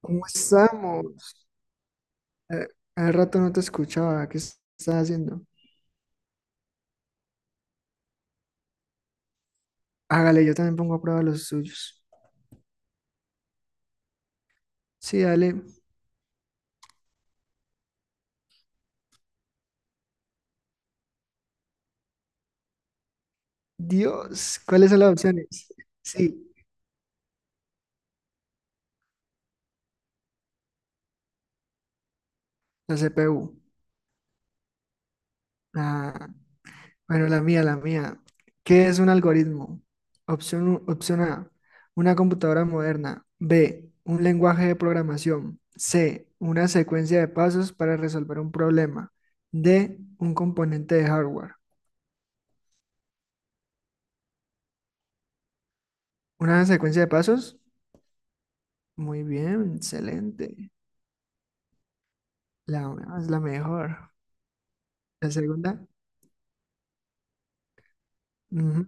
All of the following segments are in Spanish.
¿Cómo estamos? Eh, Hace rato no te escuchaba. ¿Estás haciendo? Hágale, yo también pongo a prueba los suyos. Sí, dale. Dios, ¿cuáles son las opciones? Sí, la CPU. Ah, bueno, la mía, la mía. ¿Qué es un algoritmo? Opción A, una computadora moderna. B, un lenguaje de programación. C, una secuencia de pasos para resolver un problema. D, un componente de hardware. ¿Una secuencia de pasos? Muy bien, excelente. La una es la mejor. La segunda. Ujú,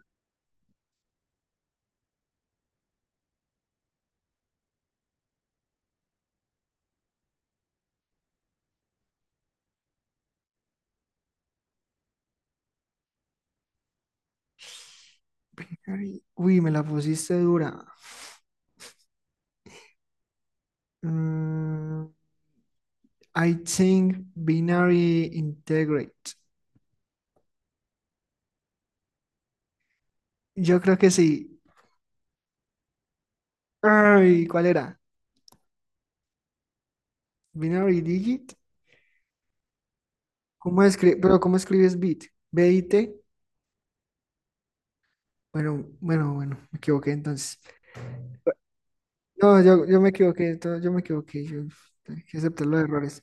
binary. Uy, me la pusiste dura. Mm, I think binary integrate. Yo creo que sí. Ay, ¿cuál era? Binary digit. ¿Cómo escribes? Pero ¿cómo escribes bit? B-I-T. Bueno, bueno, bueno, me equivoqué entonces. No, yo me equivoqué, yo me equivoqué. Yo, hay que aceptar los errores.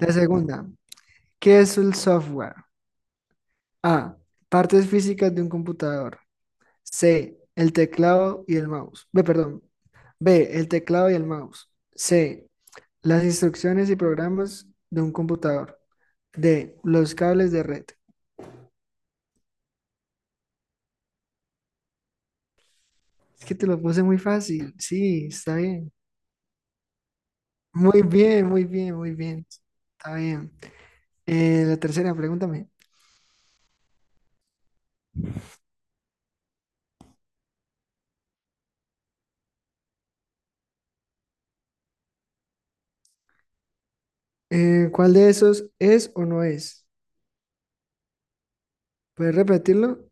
La segunda. ¿Qué es el software? A. Partes físicas de un computador. C. El teclado y el mouse. B, perdón. B. El teclado y el mouse. C. Las instrucciones y programas de un computador. D. Los cables de red. Es que te lo puse muy fácil. Sí, está bien. Muy bien, muy bien, muy bien. Está bien. La tercera, pregúntame. ¿Cuál de esos es o no es? ¿Puedes repetirlo?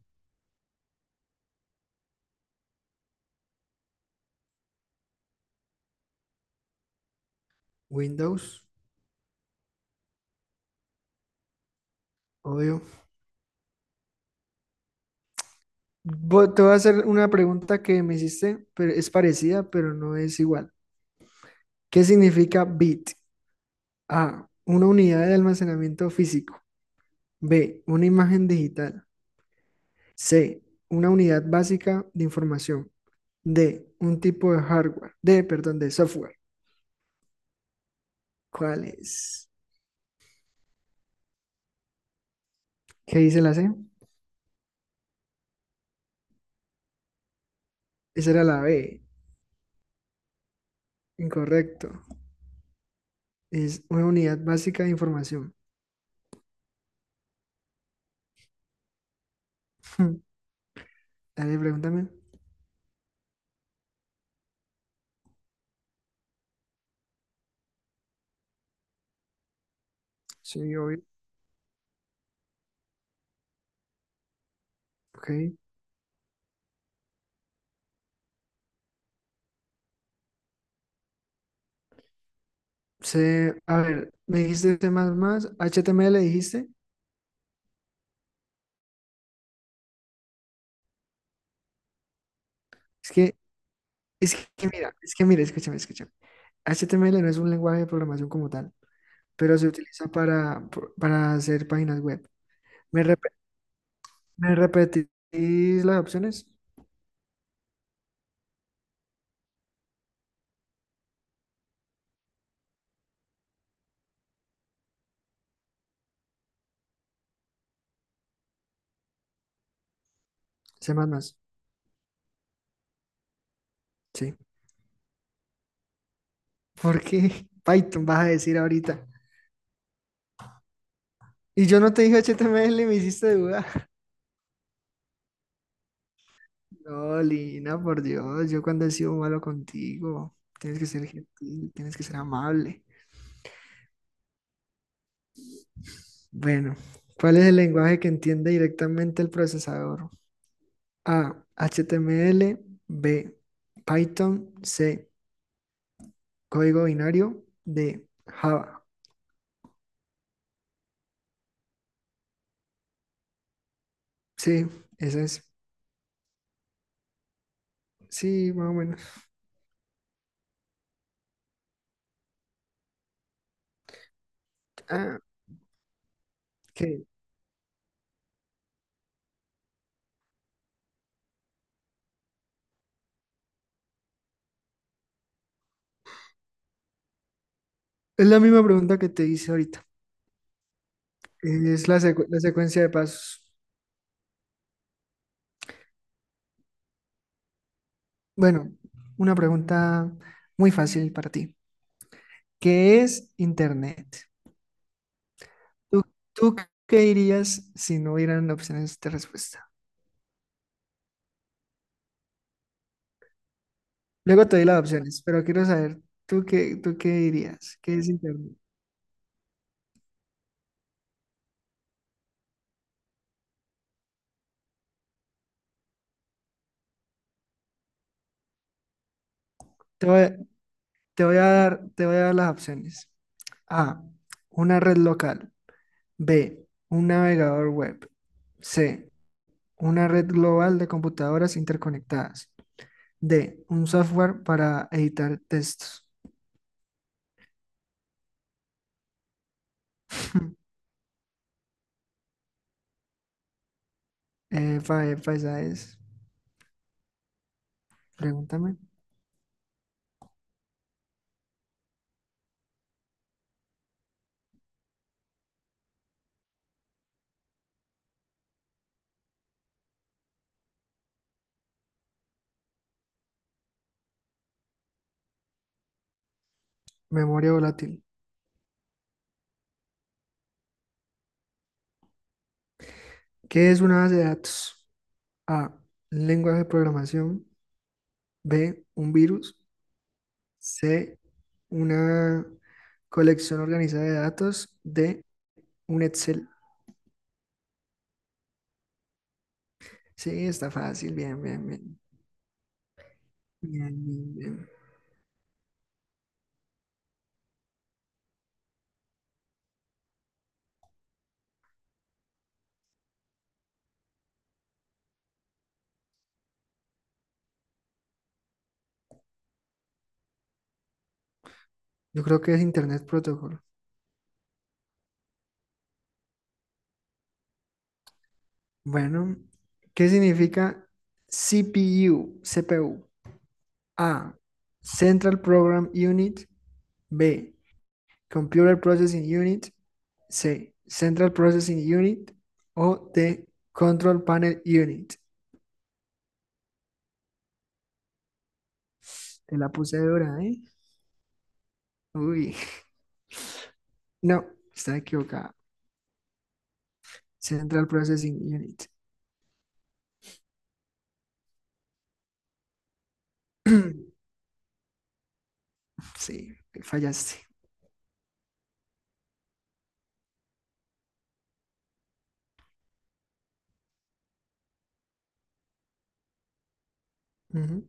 Windows, obvio. Te voy a hacer una pregunta que me hiciste, pero es parecida, pero no es igual. ¿Qué significa bit? A. Una unidad de almacenamiento físico. B. Una imagen digital. C. Una unidad básica de información. D. Un tipo de hardware. D. Perdón, de software. ¿Cuál es? ¿Qué dice la C? Esa era la B. Incorrecto. Es una unidad básica de información. Dale, pregúntame. Sí, obvio. Ok. C, a ver, me dijiste C++, HTML dijiste. Es que, es que mira, escúchame, escúchame. HTML no es un lenguaje de programación como tal, pero se utiliza para, para hacer páginas web. ¿Me, rep- me repetís las opciones? C++, sí. ¿Por qué Python vas a decir ahorita? Y yo no te dije HTML y me hiciste duda. No, Lina, por Dios, yo cuando he sido malo contigo, tienes que ser gentil, tienes que ser amable. Bueno, ¿cuál es el lenguaje que entiende directamente el procesador? A, HTML, B, Python, C, código binario, D, Java. Sí, esa es. Sí, más o menos. Ah, ok. Es la misma pregunta que te hice ahorita. Es la secuencia de pasos. Bueno, una pregunta muy fácil para ti. ¿Qué es Internet? ¿Tú, tú qué dirías si no hubieran opciones de respuesta? Luego te doy las opciones, pero quiero saber, ¿Tú qué dirías? ¿Qué es internet? Te voy, a- te voy a dar, te voy a dar las opciones. A, una red local. B, un navegador web. C, una red global de computadoras interconectadas. D, un software para editar textos. Efa, efa, esa es. Pregúntame. Memoria volátil. ¿Qué es una base de datos? A, lenguaje de programación. B, un virus. C, una colección organizada de datos de un Excel. Sí, está fácil, bien, bien, bien. Bien, bien, bien. Yo creo que es Internet Protocol. Bueno, ¿qué significa CPU? CPU. A, Central Program Unit. B, Computer Processing Unit. C, Central Processing Unit. O D, Control Panel Unit. Te la puse dura, ¿eh? Uy, no, está equivocada. Central Processing Unit. Sí, fallaste. Ujú.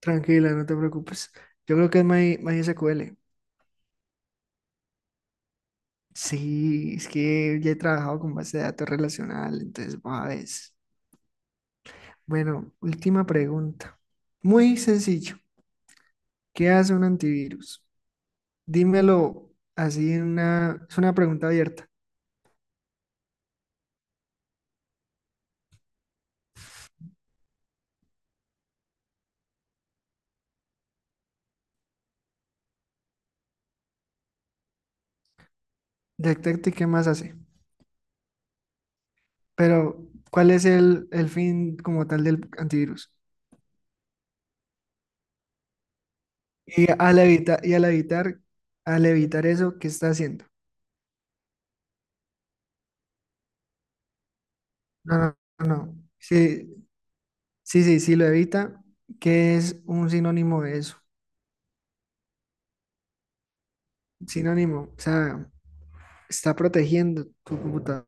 Tranquila, no te preocupes. Yo creo que es MySQL. Sí, es que ya he trabajado con base de datos relacional, entonces, va, ves. Bueno, última pregunta. Muy sencillo. ¿Qué hace un antivirus? Dímelo así en una... Es una pregunta abierta. Detecte qué más hace. Pero, ¿cuál es el fin como tal del antivirus? Y al evitar, y al evitar, al evitar eso, ¿qué está haciendo? No, no, no. No. Sí, sí, sí, sí lo evita. ¿Qué es un sinónimo de eso? Sinónimo, o sea, está protegiendo tu computador.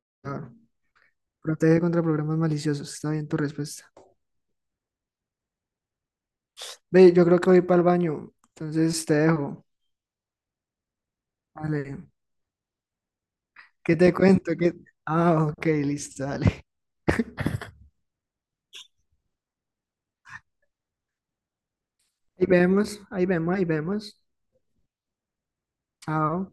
Protege contra programas maliciosos. Está bien tu respuesta. Ve, yo creo que voy para el baño. Entonces te dejo. Vale. ¿Qué te cuento? ¿Qué... Ah, ok, listo, dale. Ahí vemos, ahí vemos, ahí vemos. Chao.